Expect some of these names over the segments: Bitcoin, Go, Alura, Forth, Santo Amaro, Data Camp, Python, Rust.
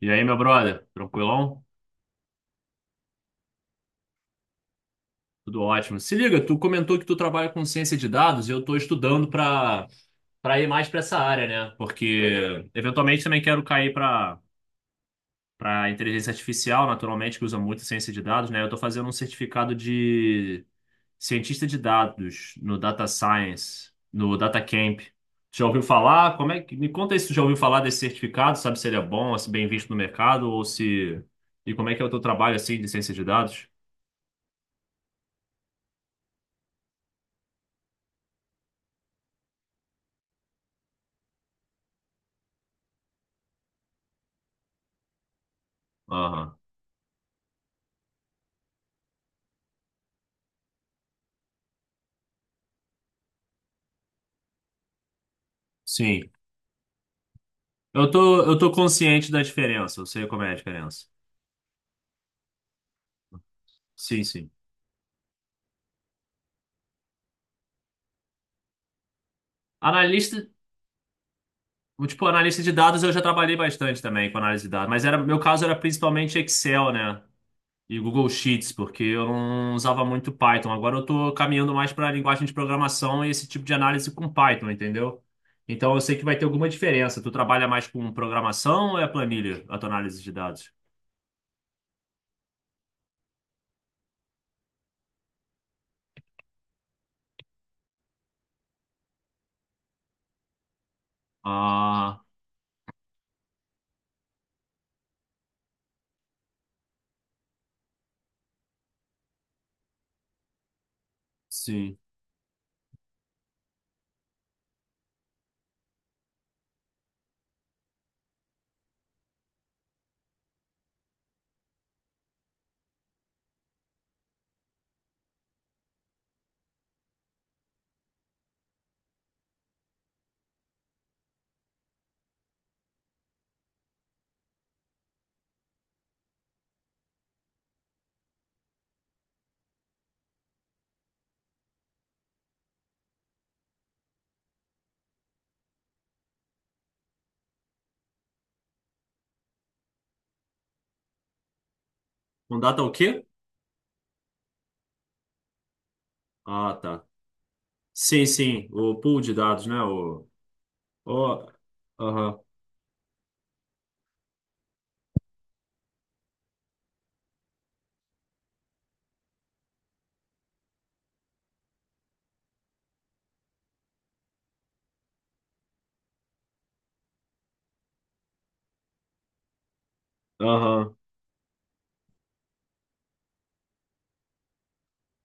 E aí, meu brother? Tranquilão? Tudo ótimo. Se liga, tu comentou que tu trabalha com ciência de dados e eu estou estudando para ir mais para essa área, né? Porque eventualmente também quero cair para inteligência artificial, naturalmente, que usa muito ciência de dados, né? Eu estou fazendo um certificado de cientista de dados no Data Science, no Data Camp. Já ouviu falar? Como é que me conta aí se tu já ouviu falar desse certificado? Sabe se ele é bom, se bem visto no mercado ou se e como é que é o teu trabalho assim de ciência de dados? Sim. Eu tô consciente da diferença, eu sei como é a diferença. Sim, sim. Analista, tipo, analista de dados eu já trabalhei bastante também com análise de dados, mas era, meu caso era principalmente Excel, né? E Google Sheets, porque eu não usava muito Python. Agora eu tô caminhando mais para linguagem de programação e esse tipo de análise com Python, entendeu? Então eu sei que vai ter alguma diferença. Tu trabalha mais com programação ou é planilha, a tua análise de dados? Ah, sim. Com data o quê? Ah, tá. Sim, sim, o pool de dados, né? O, aham, aham.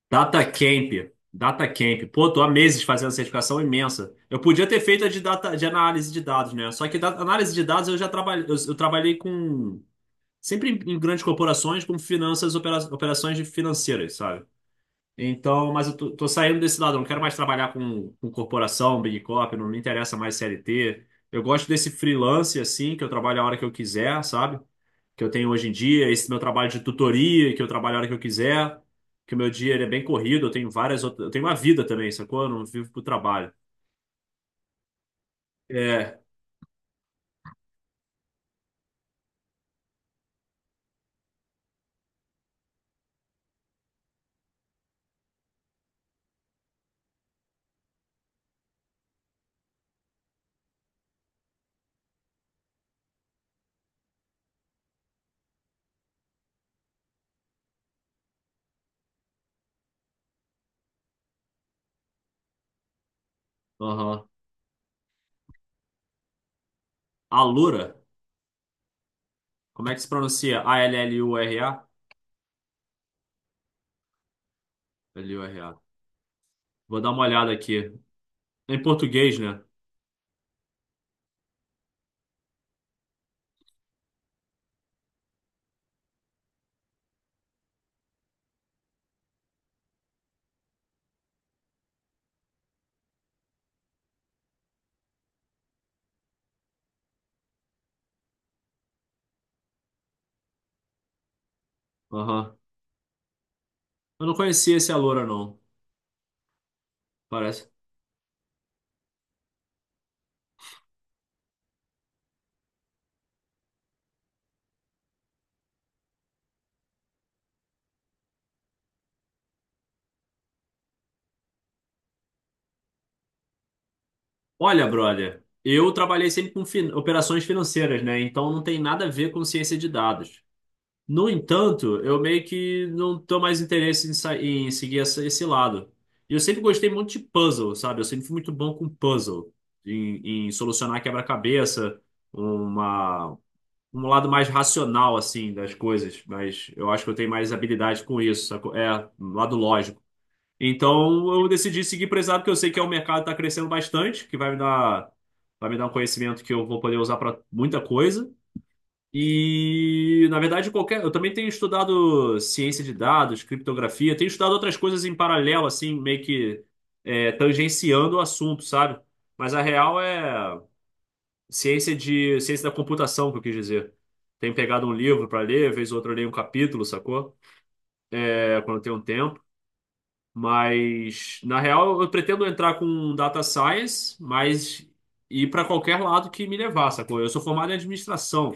Data Camp, Data Camp. Pô, tô há meses fazendo certificação imensa. Eu podia ter feito a de, de análise de dados, né? Só que da, análise de dados eu já trabalhei, eu trabalhei com, sempre em grandes corporações, com finanças, operações de financeiras, sabe? Então, mas eu tô saindo desse lado, eu não quero mais trabalhar com corporação, Big Corp, não me interessa mais CLT. Eu gosto desse freelance, assim, que eu trabalho a hora que eu quiser, sabe? Que eu tenho hoje em dia, esse meu trabalho de tutoria, que eu trabalho a hora que eu quiser, que o meu dia ele é bem corrido, eu tenho várias outras, eu tenho uma vida também, sacou? Eu não vivo pro trabalho. É, aham. Alura, como é que se pronuncia? Allura? Lura. Vou dar uma olhada aqui. É em português, né? Aham. Eu não conhecia esse Alura, não. Parece. Olha, brother, eu trabalhei sempre com operações financeiras, né? Então não tem nada a ver com ciência de dados. No entanto, eu meio que não tô mais interesse em, em seguir esse lado. E eu sempre gostei muito de puzzle, sabe? Eu sempre fui muito bom com puzzle, em solucionar quebra-cabeça, uma, um lado mais racional, assim, das coisas. Mas eu acho que eu tenho mais habilidade com isso, sacou? É, um lado lógico. Então eu decidi seguir por esse lado, porque eu sei que é um mercado que tá crescendo bastante, que vai me dar um conhecimento que eu vou poder usar para muita coisa. E, na verdade, qualquer. Eu também tenho estudado ciência de dados, criptografia, tenho estudado outras coisas em paralelo, assim, meio que tangenciando o assunto, sabe? Mas a real é ciência da computação, que eu quis dizer. Tenho pegado um livro para ler, vez ou outra eu leio um capítulo, sacou? É, quando eu tenho um tempo. Mas, na real, eu pretendo entrar com data science, mas ir para qualquer lado que me levar, sacou? Eu sou formado em administração.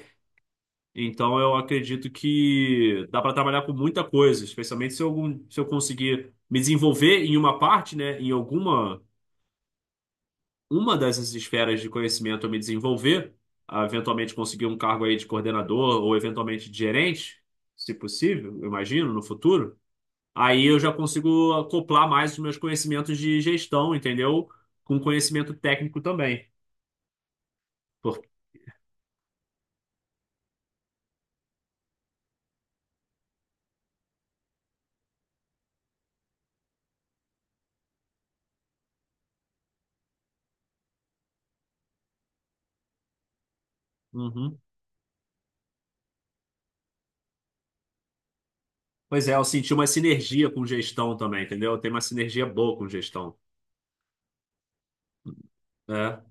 Então eu acredito que dá para trabalhar com muita coisa, especialmente se eu conseguir me desenvolver em uma parte, né, em alguma uma dessas esferas de conhecimento eu me desenvolver, eventualmente conseguir um cargo aí de coordenador ou eventualmente de gerente, se possível, eu imagino, no futuro. Aí eu já consigo acoplar mais os meus conhecimentos de gestão, entendeu? Com conhecimento técnico também. Por- Uhum. Pois é, eu senti uma sinergia com gestão também, entendeu? Tem uma sinergia boa com gestão. É.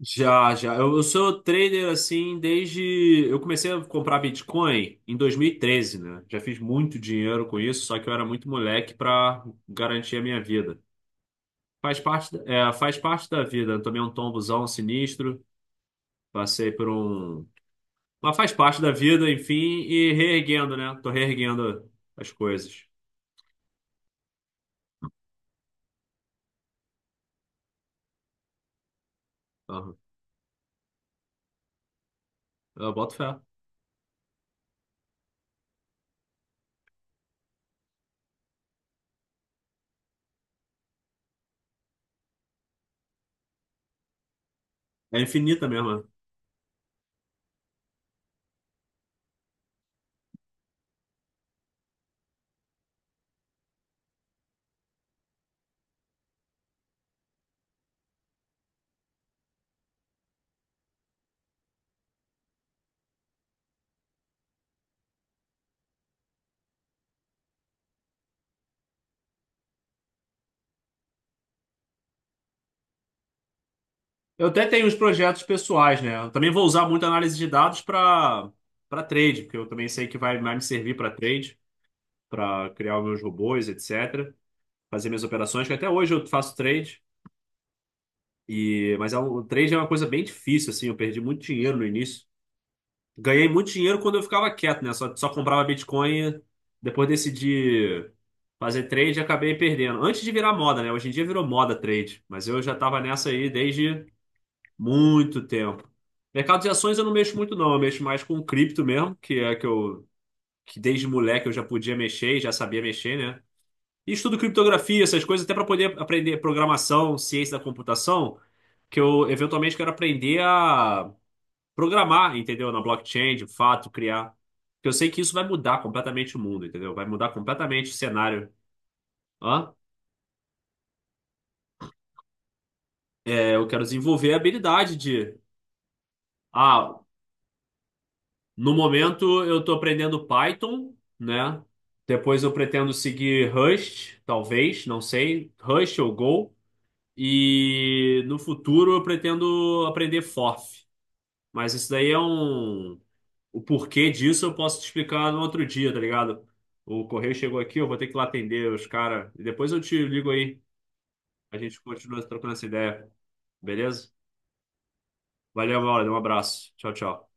Já, já. Eu sou trader assim desde. Eu comecei a comprar Bitcoin em 2013, né? Já fiz muito dinheiro com isso, só que eu era muito moleque para garantir a minha vida. Faz parte, faz parte da vida. Eu tomei um tombozão sinistro, passei por um. Mas faz parte da vida, enfim, e reerguendo, né? Tô reerguendo as coisas. Aham. Eu boto fé. É infinita mesmo, né? Eu até tenho uns projetos pessoais, né? Eu também vou usar muito análise de dados para trade, porque eu também sei que vai mais me servir para trade, para criar os meus robôs, etc. Fazer minhas operações, que até hoje eu faço trade. E mas é o trade é uma coisa bem difícil, assim. Eu perdi muito dinheiro no início. Ganhei muito dinheiro quando eu ficava quieto, né? Só comprava Bitcoin. Depois decidi fazer trade e acabei perdendo. Antes de virar moda, né? Hoje em dia virou moda trade, mas eu já estava nessa aí desde muito tempo. Mercado de ações eu não mexo muito, não. Eu mexo mais com cripto mesmo, que é que eu que desde moleque eu já podia mexer, e já sabia mexer, né? E estudo criptografia, essas coisas, até para poder aprender programação, ciência da computação, que eu eventualmente quero aprender a programar, entendeu? Na blockchain, de fato, criar. Porque eu sei que isso vai mudar completamente o mundo, entendeu? Vai mudar completamente o cenário. Hã? É, eu quero desenvolver a habilidade de. Ah, no momento, eu estou aprendendo Python, né? Depois eu pretendo seguir Rust, talvez, não sei, Rust ou Go. E no futuro eu pretendo aprender Forth. Mas isso daí é um. O porquê disso eu posso te explicar no outro dia, tá ligado? O correio chegou aqui, eu vou ter que ir lá atender os caras. E depois eu te ligo aí. A gente continua trocando essa ideia, beleza? Valeu, Mauro. Um abraço. Tchau, tchau.